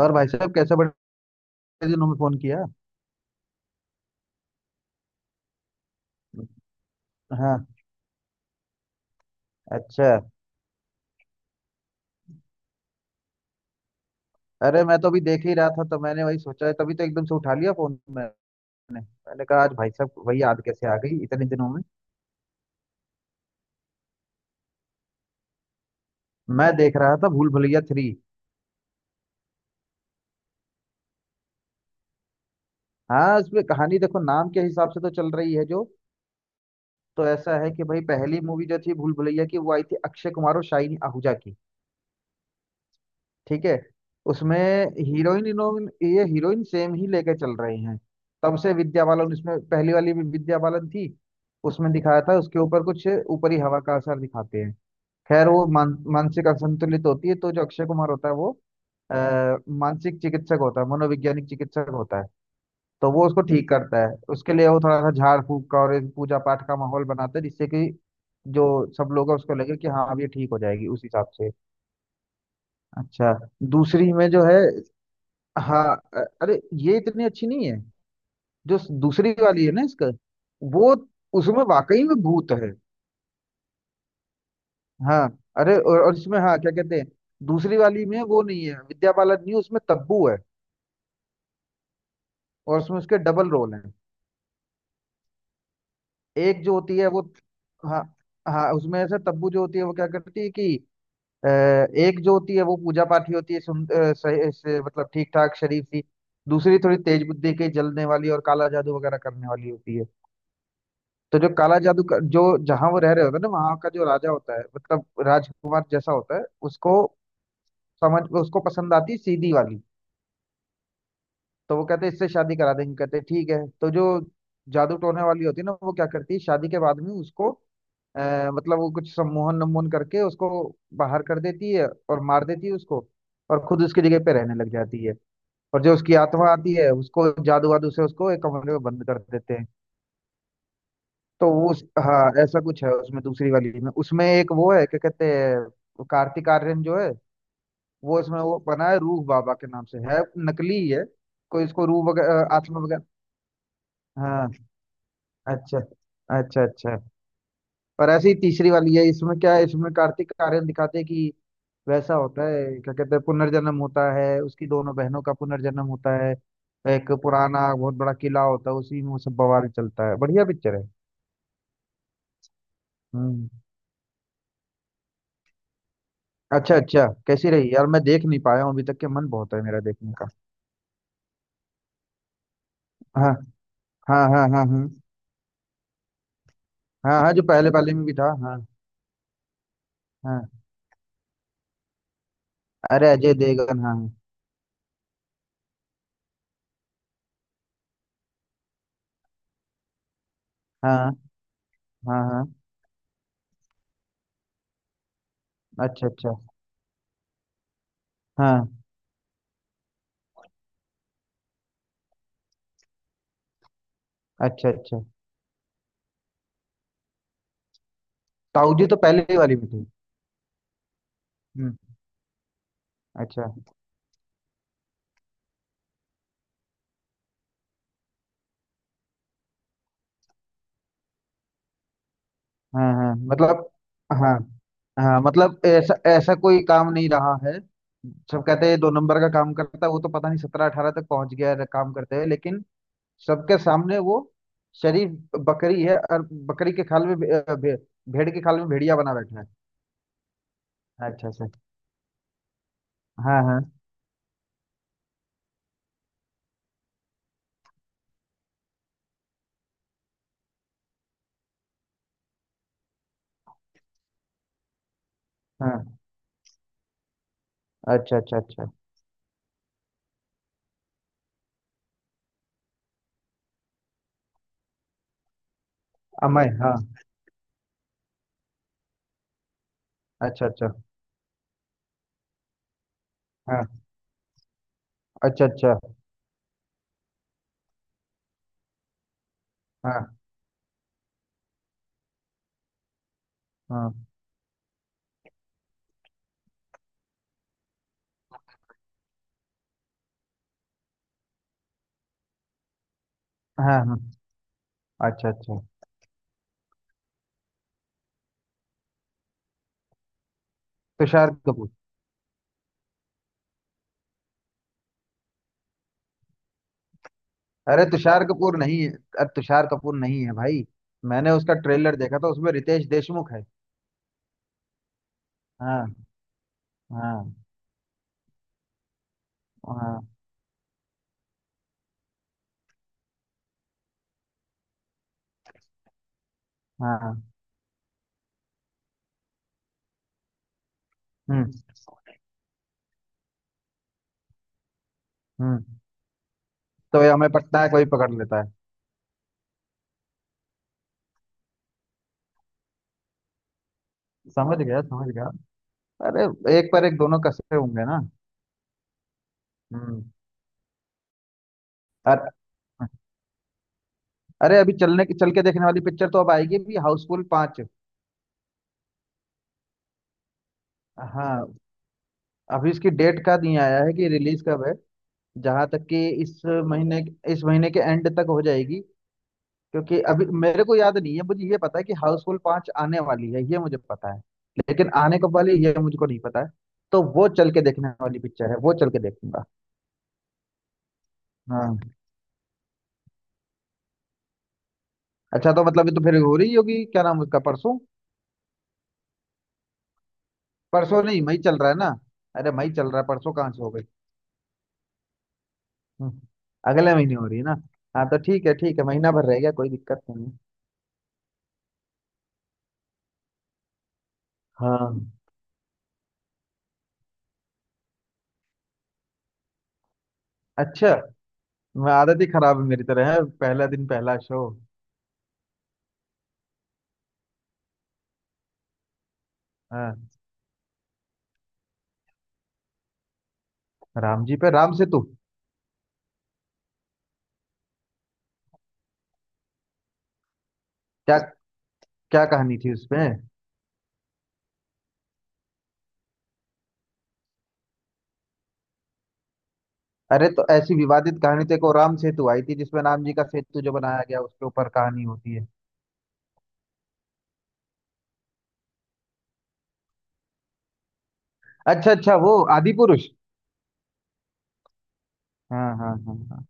और भाई साहब, कैसे बड़े दिनों में फोन किया। हाँ। अच्छा। अरे मैं तो अभी देख ही रहा था, तो मैंने वही सोचा, तभी तो एकदम से उठा लिया फोन मैंने। मैंने कहा आज भाई साहब वही याद कैसे आ गई इतने दिनों में। मैं देख रहा था भूल भुलैया 3। हाँ, इसमें कहानी देखो नाम के हिसाब से तो चल रही है जो। तो ऐसा है कि भाई, पहली मूवी जो थी भूल भुलैया की, वो आई थी अक्षय कुमार और शाहिनी आहूजा की। ठीक है। उसमें हीरोइन इनोइन, ये हीरोइन सेम ही लेके चल रही हैं। तब से विद्या बालन, इसमें पहली वाली भी विद्या बालन थी। उसमें दिखाया था उसके ऊपर कुछ ऊपरी हवा का असर दिखाते हैं। खैर वो मानसिक असंतुलित होती है, तो जो अक्षय कुमार होता है वो अ, मानसिक चिकित्सक होता है, मनोवैज्ञानिक चिकित्सक होता है। तो वो उसको ठीक करता है, उसके लिए वो थोड़ा सा झाड़ फूक का और एक पूजा पाठ का माहौल बनाता है, जिससे कि जो सब लोग हैं उसको लगे कि हाँ अब ये ठीक हो जाएगी, उस हिसाब से। अच्छा। दूसरी में जो है, हाँ अरे ये इतनी अच्छी नहीं है। जो दूसरी वाली है ना इसका वो, उसमें वाकई में भूत है। हाँ। अरे और इसमें हाँ क्या कहते हैं, दूसरी वाली में वो नहीं है विद्या बालन, नहीं उसमें तब्बू है। और उसमें उसके डबल रोल हैं। एक जो होती है वो, हाँ, हाँ उसमें ऐसा, तब्बू जो होती है वो क्या करती है कि एक जो होती है वो पूजा पाठी होती है, सुन सही से, मतलब ठीक ठाक शरीफ सी। दूसरी थोड़ी तेज बुद्धि की, जलने वाली और काला जादू वगैरह करने वाली होती है। तो जो काला जादू का जो, जहां वो रह रहे होते हैं ना, वहां का जो राजा होता है, मतलब राजकुमार जैसा होता है, उसको समझ, उसको पसंद आती है सीधी वाली। तो वो कहते हैं इससे शादी करा देंगे, कहते हैं ठीक है, तो जो जादू टोने वाली होती है ना, वो क्या करती है शादी के बाद में उसको मतलब वो कुछ सम्मोहन नमोहन करके उसको बाहर कर देती है और मार देती है उसको, और खुद उसकी जगह पे रहने लग जाती है। और जो उसकी आत्मा आती है उसको जादू वादू से उसको एक कमरे में बंद कर देते हैं। तो वो उस, हाँ ऐसा कुछ है उसमें दूसरी वाली में। उसमें एक वो है, क्या कहते हैं वो कार्तिक आर्यन जो है, वो इसमें वो बना है रूह बाबा के नाम से है। नकली ही है, कोई इसको रूह वगैरह आत्मा वगैरह। हाँ। अच्छा अच्छा अच्छा। और ऐसी ही तीसरी वाली है, इसमें क्या है, इसमें कार्तिक आर्यन दिखाते हैं कि वैसा होता है, क्या कहते हैं, पुनर्जन्म होता है, उसकी दोनों बहनों का पुनर्जन्म होता है। एक पुराना बहुत बड़ा किला होता है, उसी में वो सब बवाल चलता है। बढ़िया पिक्चर है। हम्म। अच्छा अच्छा, कैसी रही यार? मैं देख नहीं पाया हूँ अभी तक के, मन बहुत है मेरा देखने का। हाँ हाँ हाँ हाँ। हाँ हाँ हाँ जो पहले वाले में भी था, हाँ। हाँ। अरे अजय देवगन, हाँ। हाँ हाँ हाँ अच्छा अच्छा। हाँ। अच्छा अच्छा। ताऊ जी तो पहले ही वाली में थे। हम्म। अच्छा। हाँ हाँ, मतलब, हाँ हाँ, मतलब ऐसा ऐसा कोई काम नहीं रहा है। सब कहते हैं ये दो नंबर का काम करता है, वो तो पता नहीं 17-18 तक पहुंच गया है काम करते हुए, लेकिन सबके सामने वो शरीफ बकरी है। और बकरी के खाल में भेड़ के खाल में भेड़िया बना बैठा है। अच्छा अच्छा। हाँ हाँ हाँ। अच्छा अच्छा अच्छा। अमय, हाँ। अच्छा अच्छा। हाँ। अच्छा अच्छा। हाँ हाँ हाँ हाँ। अच्छा अच्छा। तुषार कपूर। अरे तुषार कपूर नहीं है। अरे तुषार कपूर नहीं है भाई। मैंने उसका ट्रेलर देखा था, उसमें रितेश देशमुख है। हाँ हाँ हाँ हाँ। हम्म हम्म। तो ये हमें पटना है कोई पकड़ लेता है। समझ गया समझ गया। अरे एक पर एक दोनों कसे होंगे ना। हम्म। अर, अरे अभी चलने की, चल के देखने वाली पिक्चर तो अब आएगी भी, हाउसफुल 5। हाँ। अभी इसकी डेट का नहीं आया है कि रिलीज कब है। जहां तक कि इस महीने, इस महीने के एंड तक हो जाएगी। क्योंकि अभी मेरे को याद नहीं है, मुझे ये पता है कि हाउसफुल 5 आने वाली है, ये मुझे पता है। लेकिन आने कब वाली है, ये मुझको नहीं पता है। तो वो चल के देखने वाली पिक्चर है, वो चल के देखूंगा। हाँ अच्छा, तो मतलब ये तो फिर हो रही होगी, क्या नाम उसका, परसों। परसों नहीं, मई चल रहा है ना। अरे मई चल रहा है, परसों कहाँ से हो गई। हम्म, अगले महीने हो रही है ना। हाँ तो ठीक है ठीक है, महीना भर रह गया, कोई दिक्कत नहीं है। हाँ। अच्छा। मैं आदत ही खराब है मेरी, तरह है पहला दिन पहला शो। हाँ। राम जी पे राम सेतु? क्या? क्या कहानी थी उसमें? अरे तो ऐसी विवादित कहानी थी को, राम सेतु आई थी जिसमें राम जी का सेतु जो बनाया गया उसके ऊपर कहानी होती है। अच्छा अच्छा, वो आदि पुरुष। हाँ हाँ हाँ हाँ।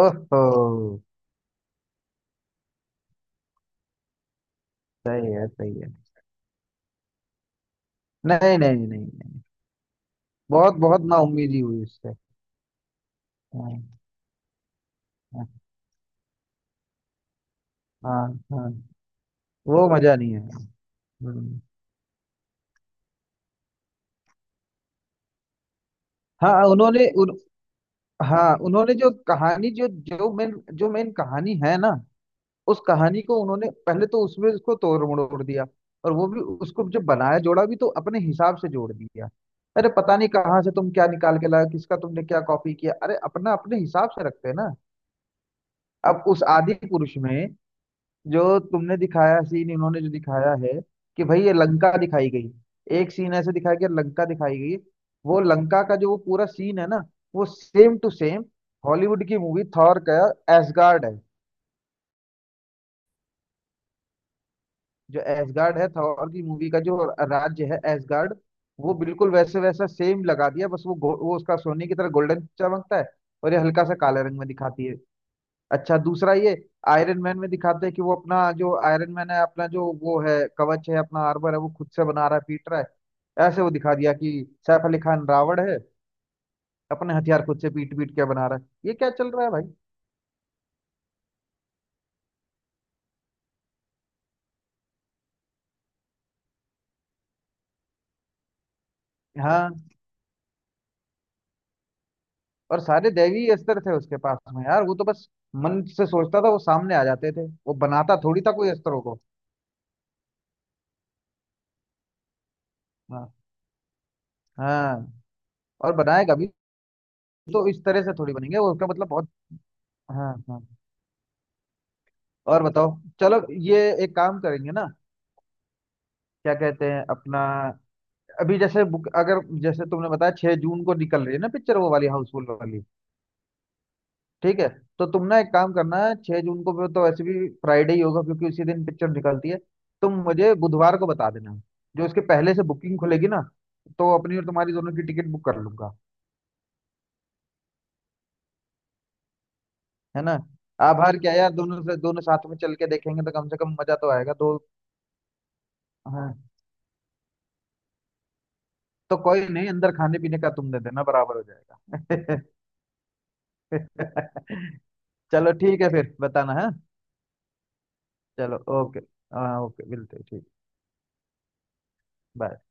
ओहो। सही है सही है। नहीं नहीं नहीं नहीं। बहुत बहुत नाउम्मीदी हुई इससे। हाँ हाँ हाँ हाँ, वो मजा नहीं है। हम्म। हाँ उन्होंने उन, हाँ उन्होंने जो कहानी जो जो मेन जो मेन कहानी है ना, उस कहानी को उन्होंने पहले तो उसमें उसको तोड़ मरोड़ दिया। और वो भी उसको जब बनाया, जोड़ा भी तो अपने हिसाब से जोड़ दिया। अरे पता नहीं कहाँ से तुम क्या निकाल के लाया, किसका तुमने क्या कॉपी किया, अरे अपना अपने हिसाब से रखते हैं ना। अब उस आदि पुरुष में जो तुमने दिखाया सीन, इन्होंने जो दिखाया है कि भाई ये लंका दिखाई गई, एक सीन ऐसे दिखाया गया, लंका दिखाई गई। वो लंका का जो वो पूरा सीन है ना, वो सेम टू सेम हॉलीवुड की मूवी थॉर का एसगार्ड है। जो एसगार्ड है थॉर की मूवी का, जो राज्य है एसगार्ड, वो बिल्कुल वैसे वैसा सेम लगा दिया। बस वो वो उसका सोने की तरह गोल्डन चमकता है, और ये हल्का सा काले रंग में दिखाती है। अच्छा, दूसरा ये, आयरन मैन में दिखाते हैं कि वो अपना जो आयरन मैन है, अपना जो वो है कवच है, अपना आर्मर है, वो खुद से बना रहा है, पीट रहा है, ऐसे वो दिखा दिया कि सैफ अली खान रावण है अपने हथियार खुद से पीट पीट के बना रहा है। ये क्या चल रहा है भाई। हाँ, और सारे दैवी अस्त्र थे उसके पास में यार, वो तो बस मन से सोचता था, वो सामने आ जाते थे, वो बनाता थोड़ी था कोई अस्त्रों को। हाँ हाँ। और बनाएगा भी तो इस तरह से थोड़ी बनेंगे, वो उसका मतलब बहुत। हाँ हाँ। और बताओ चलो, ये एक काम करेंगे ना, क्या कहते हैं अपना, अभी जैसे बुक, अगर जैसे तुमने बताया 6 जून को निकल रही है ना पिक्चर, वो वाली हाउसफुल वाली। ठीक है। तो तुम ना एक काम करना है, 6 जून को तो वैसे भी फ्राइडे ही होगा, क्योंकि उसी दिन पिक्चर निकलती है। तुम मुझे बुधवार को बता देना, जो इसके पहले से बुकिंग खुलेगी ना, तो अपनी और तुम्हारी दोनों की टिकट बुक कर लूंगा। है ना। आभार क्या यार, दोनों से दोनों साथ में चल के देखेंगे तो कम से कम मजा तो आएगा दो। हाँ, तो कोई नहीं, अंदर खाने पीने का तुम दे देना, बराबर हो जाएगा। चलो ठीक है, फिर बताना है। चलो ओके। हाँ ओके मिलते हैं, ठीक। बाय।